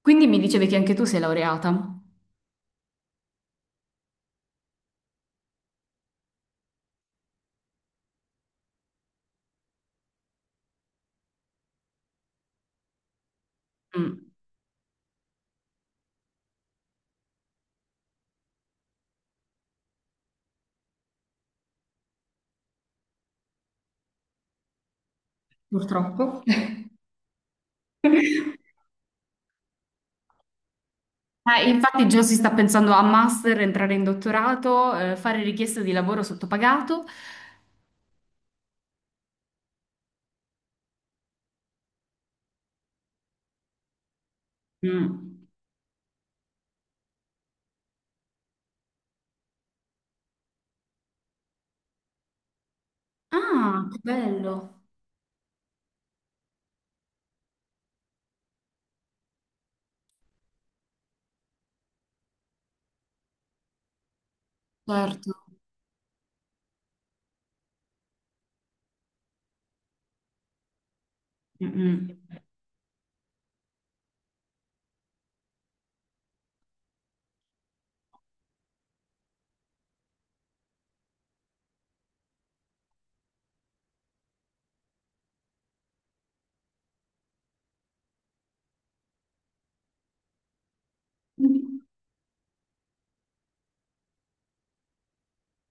Quindi mi dicevi che anche tu sei laureata. Mm. Purtroppo. Infatti già si sta pensando a master, entrare in dottorato, fare richiesta di lavoro sottopagato. Mm. Ah, che bello. Certo. Mm-mm.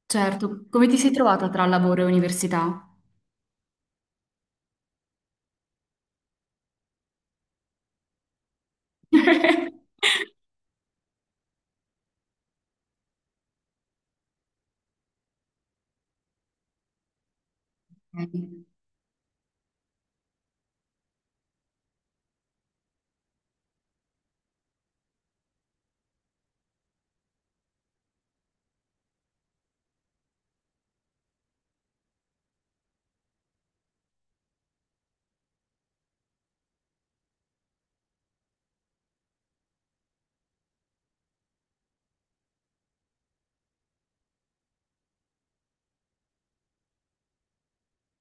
Certo. Come ti sei trovata tra lavoro e università? Ok.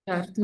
Certo,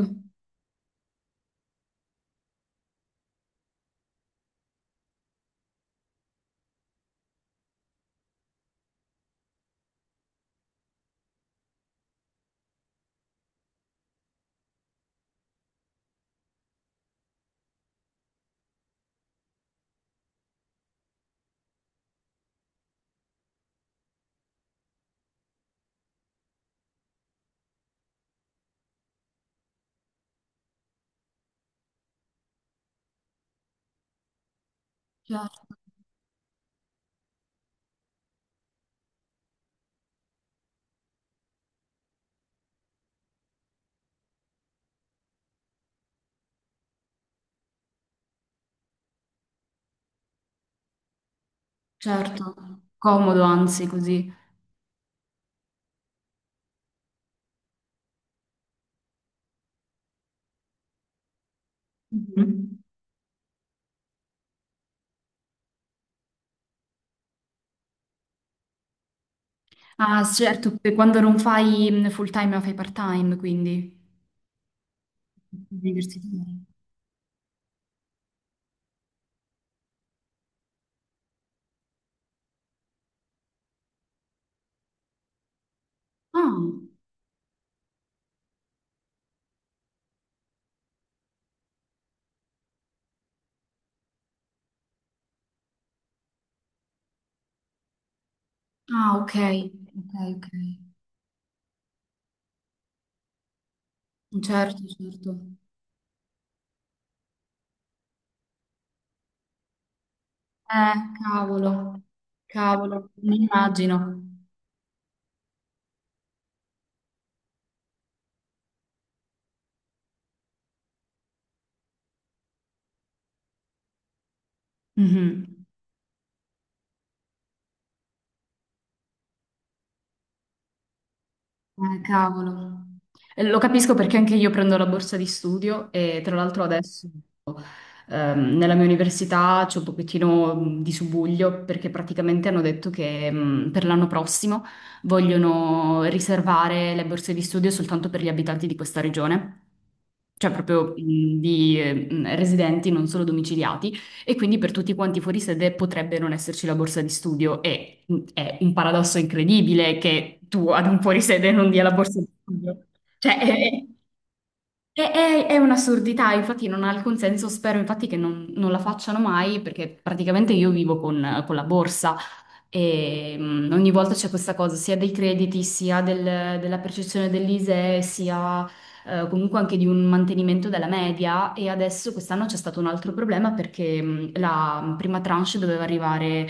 certo, certo. Comodo, anzi, così. Mhm. Ah, certo, per quando non fai full time ma fai part time, quindi l'università. Ah, ah, ok, ok, ok. Certo, certo. Eh, cavolo, cavolo, mi immagino. Mhm. Cavolo. Lo capisco perché anche io prendo la borsa di studio e tra l'altro adesso nella mia università c'è un pochettino di subuglio perché praticamente hanno detto che per l'anno prossimo vogliono riservare le borse di studio soltanto per gli abitanti di questa regione, cioè proprio di residenti, non solo domiciliati. E quindi per tutti quanti fuori sede potrebbe non esserci la borsa di studio. E è un paradosso incredibile che tu ad un fuori sede non dia la borsa di studio. Cioè, è- è un'assurdità, infatti non ha alcun senso, spero infatti che non la facciano mai perché praticamente io vivo con la borsa e ogni volta c'è questa cosa sia dei crediti, della percezione dell'ISEE, sia comunque anche di un mantenimento della media e adesso quest'anno c'è stato un altro problema perché la prima tranche doveva arrivare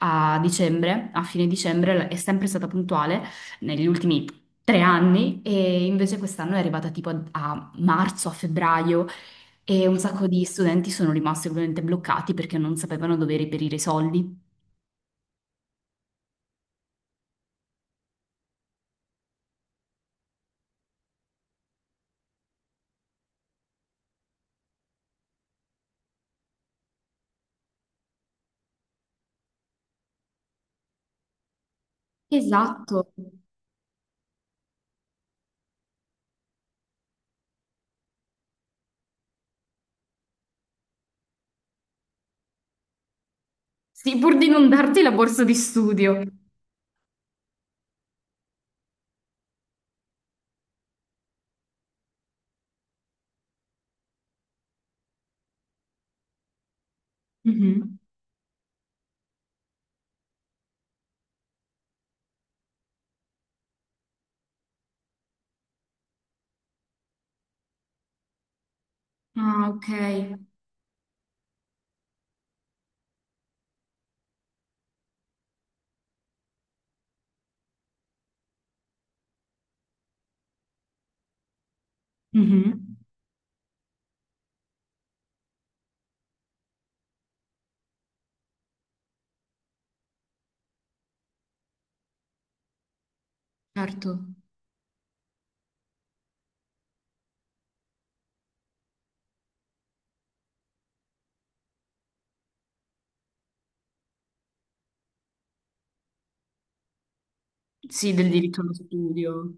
a dicembre, a fine dicembre, è sempre stata puntuale negli ultimi tre anni e invece quest'anno è arrivata tipo a marzo, a febbraio, e un sacco di studenti sono rimasti ovviamente bloccati perché non sapevano dove reperire i soldi. Esatto. Sì, pur di non darti la borsa di studio. Mhm. Ah, ok. Mhm. Certo. Sì, del diritto allo studio.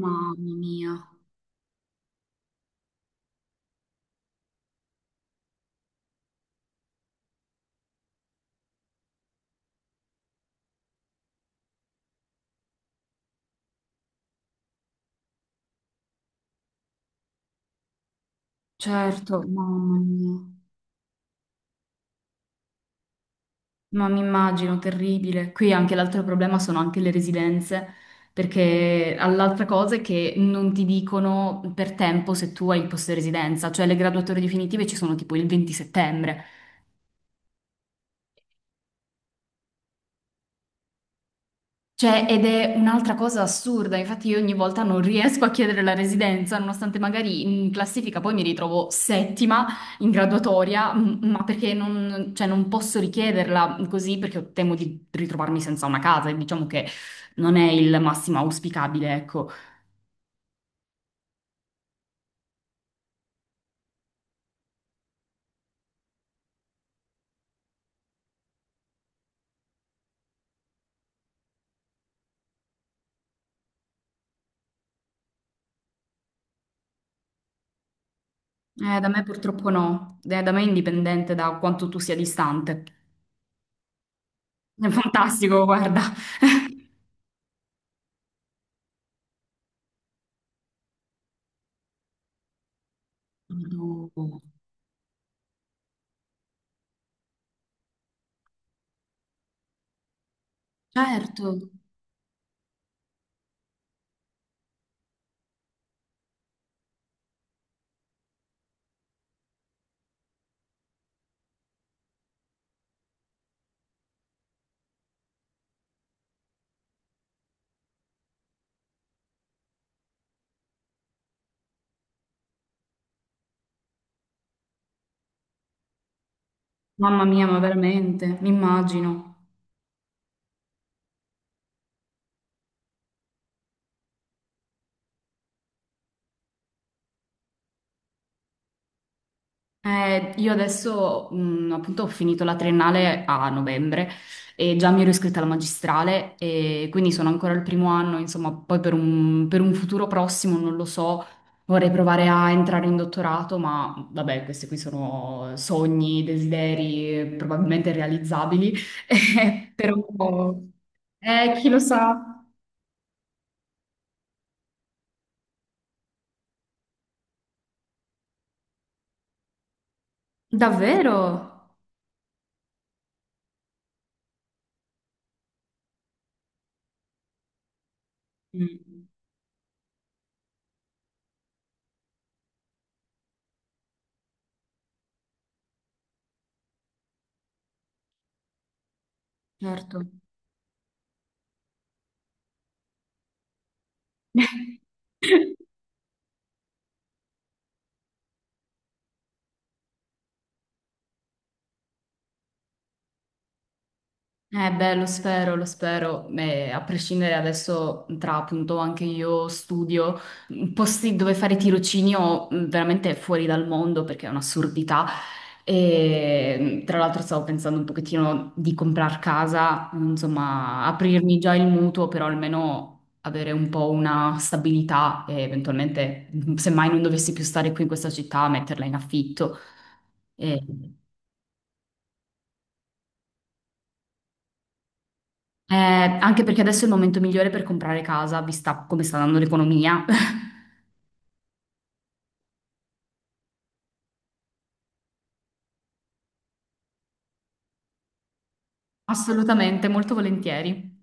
Mamma mia. Certo, mamma mia. Ma mi immagino, terribile. Qui anche l'altro problema sono anche le residenze, perché l'altra cosa è che non ti dicono per tempo se tu hai il posto di residenza, cioè le graduatorie definitive ci sono tipo il 20 settembre. Cioè, ed è un'altra cosa assurda, infatti io ogni volta non riesco a chiedere la residenza, nonostante magari in classifica poi mi ritrovo settima in graduatoria, m- ma perché non, cioè, non posso richiederla così perché temo di ritrovarmi senza una casa e diciamo che non è il massimo auspicabile, ecco. Da me purtroppo no, eh, da me è indipendente da quanto tu sia distante. È fantastico, guarda. No. Certo, mamma mia, ma veramente, mi immagino. Io adesso, appunto, ho finito la triennale a novembre e già mi ero iscritta alla magistrale e quindi sono ancora al primo anno, insomma, poi per per un futuro prossimo, non lo so, vorrei provare a entrare in dottorato, ma vabbè, questi qui sono sogni, desideri probabilmente realizzabili, però chi lo sa? Davvero? Mm, certo. Eh beh, lo spero, eh, a prescindere adesso tra appunto anche io studio, posti dove fare tirocinio veramente fuori dal mondo perché è un'assurdità e tra l'altro stavo pensando un pochettino di comprar casa, insomma aprirmi già il mutuo però almeno avere un po' una stabilità e eventualmente semmai non dovessi più stare qui in questa città metterla in affitto. Anche perché adesso è il momento migliore per comprare casa, vista come sta andando l'economia. Assolutamente, molto volentieri.